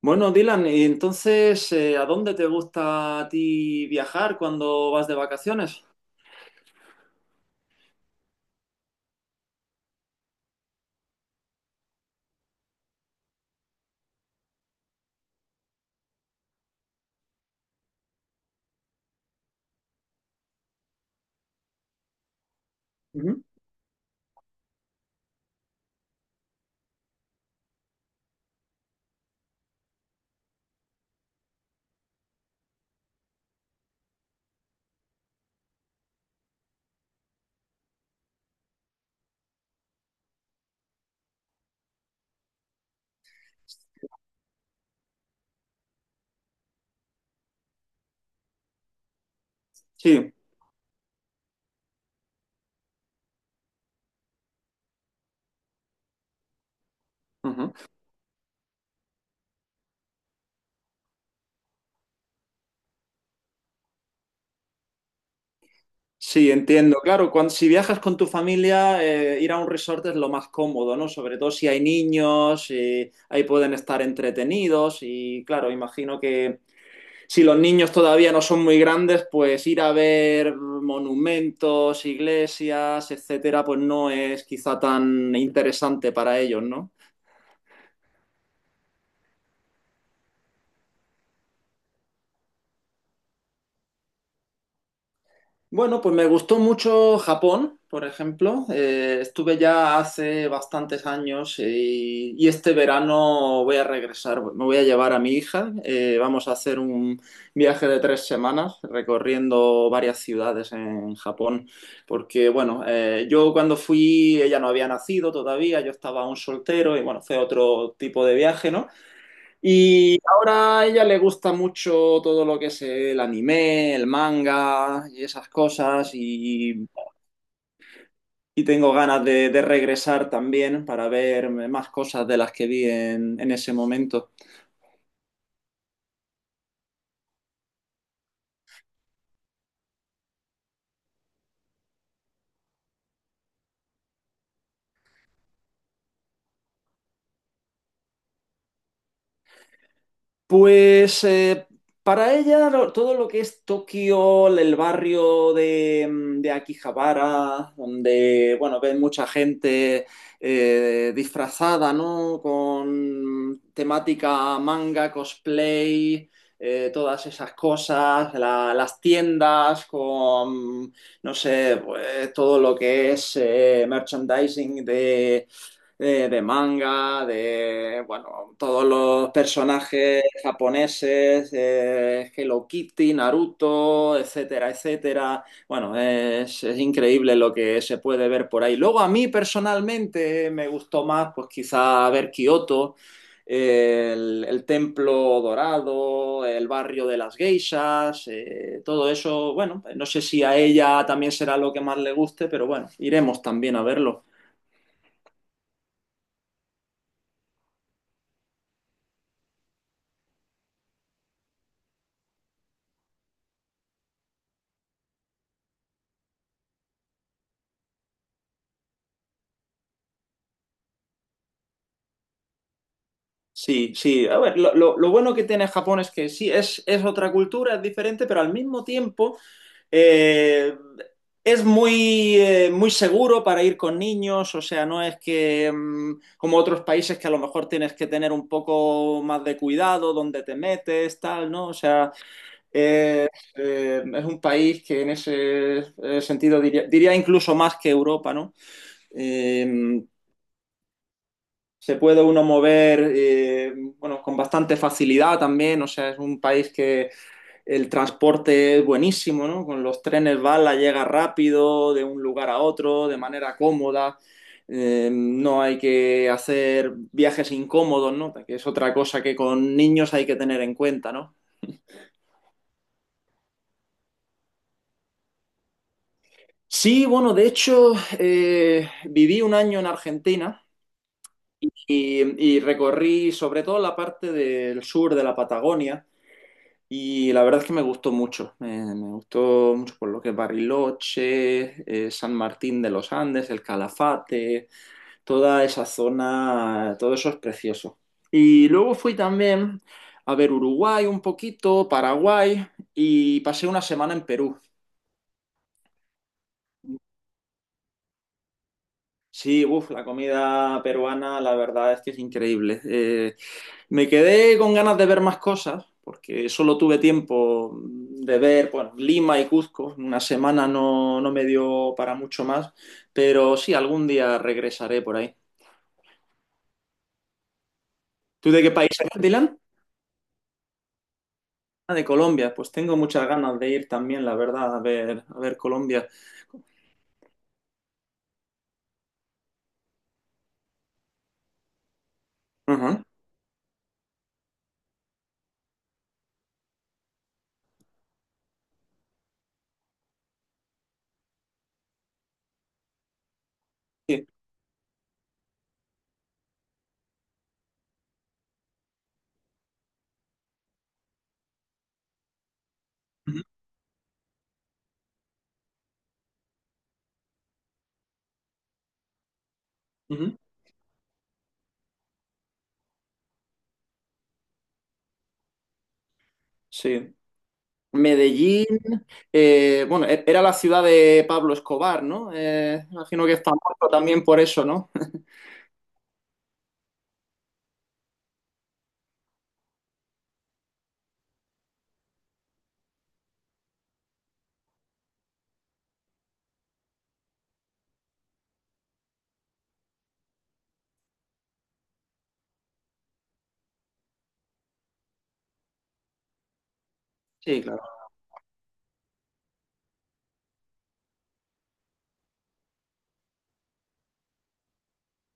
Bueno, Dylan, y entonces, ¿a dónde te gusta a ti viajar cuando vas de vacaciones? Ujú. Sí. Ujú. Sí, entiendo. Claro, cuando, si viajas con tu familia, ir a un resort es lo más cómodo, ¿no? Sobre todo si hay niños, ahí pueden estar entretenidos y claro, imagino que si los niños todavía no son muy grandes, pues ir a ver monumentos, iglesias, etcétera, pues no es quizá tan interesante para ellos, ¿no? Bueno, pues me gustó mucho Japón, por ejemplo. Estuve ya hace bastantes años y este verano voy a regresar. Me voy a llevar a mi hija. Vamos a hacer un viaje de tres semanas recorriendo varias ciudades en Japón. Porque, bueno, yo cuando fui, ella no había nacido todavía, yo estaba aún soltero y, bueno, fue otro tipo de viaje, ¿no? Y ahora a ella le gusta mucho todo lo que es el anime, el manga y esas cosas. Y tengo ganas de regresar también para ver más cosas de las que vi en ese momento. Pues para ella todo lo que es Tokio, el barrio de, de Akihabara, donde bueno, ven mucha gente disfrazada, ¿no? Con temática manga, cosplay, todas esas cosas, las tiendas con, no sé, pues, todo lo que es merchandising de manga, de, bueno, todos los personajes japoneses, Hello Kitty, Naruto, etcétera, etcétera. Bueno, es increíble lo que se puede ver por ahí. Luego a mí personalmente me gustó más, pues quizá ver Kioto. El el templo dorado, el barrio de las geishas, todo eso, bueno, no sé si a ella también será lo que más le guste, pero bueno, iremos también a verlo. Sí, sí. A ver, lo bueno que tiene Japón es que sí, es otra cultura, es diferente, pero al mismo tiempo eh, es muy, muy seguro para ir con niños, o sea, no es que mm, como otros países que a lo mejor tienes que tener un poco más de cuidado donde te metes, tal, ¿no? O sea, eh, es un país que en ese sentido diría, diría incluso más que Europa, ¿no? Eh, Se puede uno mover bueno, con bastante facilidad también, o sea, es un país que el transporte es buenísimo, ¿no? Con los trenes bala llega rápido de un lugar a otro, de manera cómoda, no hay que hacer viajes incómodos, ¿no? Que es otra cosa que con niños hay que tener en cuenta, ¿no? Sí, bueno, de hecho, viví un año en Argentina y recorrí sobre todo la parte del sur de la Patagonia. Y la verdad es que me gustó mucho por lo que es Bariloche, San Martín de los Andes, el Calafate, toda esa zona, todo eso es precioso. Y luego fui también a ver Uruguay un poquito, Paraguay y pasé una semana en Perú. Sí, uf, la comida peruana la verdad es que es increíble. Me quedé con ganas de ver más cosas, porque solo tuve tiempo de ver, bueno, Lima y Cuzco. Una semana no, no me dio para mucho más, pero sí, algún día regresaré por ahí. ¿Tú de qué país eres, Dylan? Ah, de Colombia. Pues tengo muchas ganas de ir también, la verdad, a ver Colombia. Ajá. Sí. Ujú, ujú. Sí. Medellín, bueno, era la ciudad de Pablo Escobar, ¿no? Imagino que está muerto también por eso, ¿no? Sí, claro.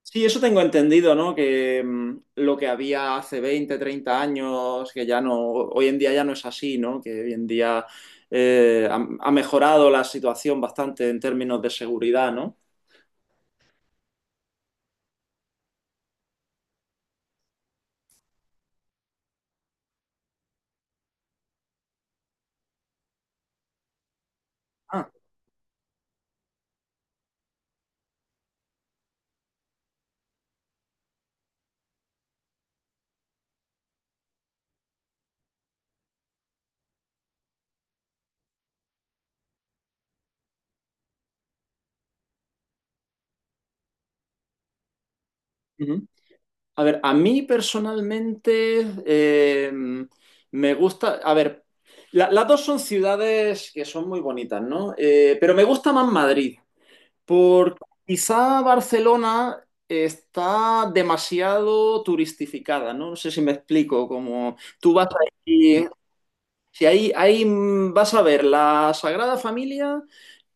Sí, eso tengo entendido, ¿no? Que mm, lo que había hace 20, 30 años, que ya no, hoy en día ya no es así, ¿no? Que hoy en día eh, ha, ha mejorado la situación bastante en términos de seguridad, ¿no? Ah, ujú. A ver, a mí personalmente me gusta, a ver, las dos son ciudades que son muy bonitas, ¿no? Pero me gusta más Madrid. Por quizá Barcelona está demasiado turistificada, ¿no? No sé si me explico, como tú vas aquí si ahí mm, vas a ver la Sagrada Familia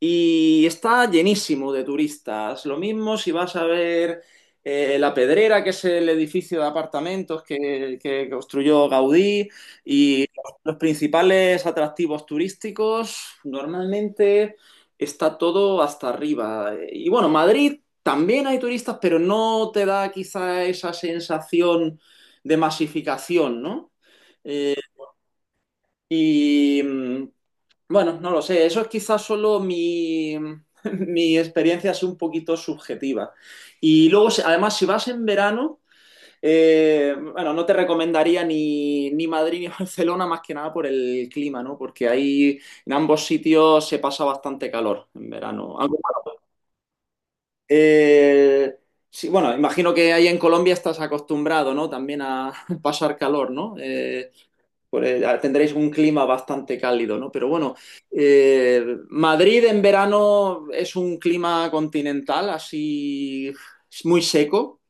y está llenísimo de turistas. Lo mismo si vas a ver La Pedrera, que es el edificio de apartamentos que construyó Gaudí, y los principales atractivos turísticos, normalmente está todo hasta arriba. Y bueno, Madrid también hay turistas, pero no te da quizá esa sensación de masificación, ¿no? Eh, y mm, bueno, no lo sé, eso es quizás solo mi, mi experiencia es un poquito subjetiva. Y luego, además, si vas en verano, bueno, no te recomendaría ni, ni Madrid ni Barcelona más que nada por el clima, ¿no? Porque ahí en ambos sitios se pasa bastante calor en verano. Aunque, eh, sí, bueno, imagino que ahí en Colombia estás acostumbrado, ¿no? También a pasar calor, ¿no? Por tendréis un clima bastante cálido, ¿no? Pero bueno, eh, Madrid en verano es un clima continental, así es muy seco.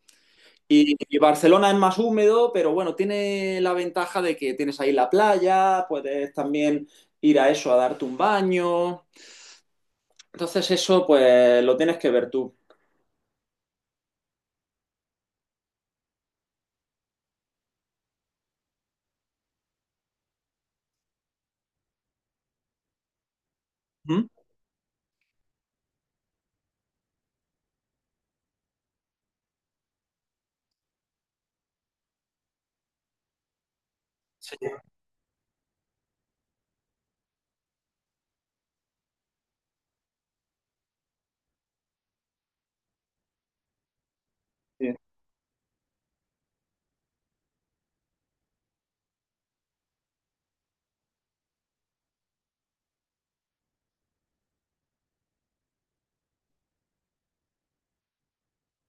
Y Barcelona es más húmedo, pero bueno, tiene la ventaja de que tienes ahí la playa, puedes también ir a eso, a darte un baño. Entonces eso, pues lo tienes que ver tú. ¿Mm? Sí.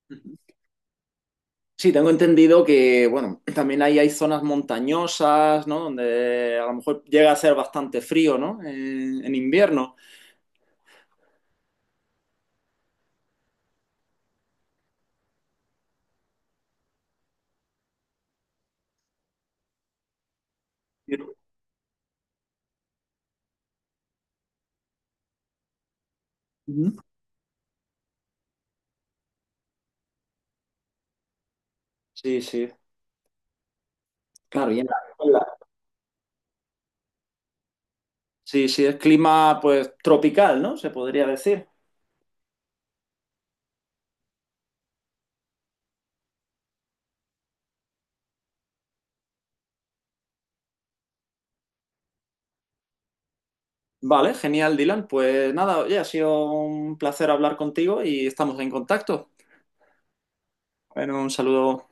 Sí. Sí, tengo entendido que, bueno, también ahí hay zonas montañosas, ¿no? Donde a lo mejor llega a ser bastante frío, ¿no? En invierno. Pero... Ujú. Sí, sí, claro. En la- Sí, sí, es clima, pues, tropical, ¿no? Se podría decir. Vale, genial, Dylan. Pues nada, oye, ha sido un placer hablar contigo y estamos en contacto. Bueno, un saludo.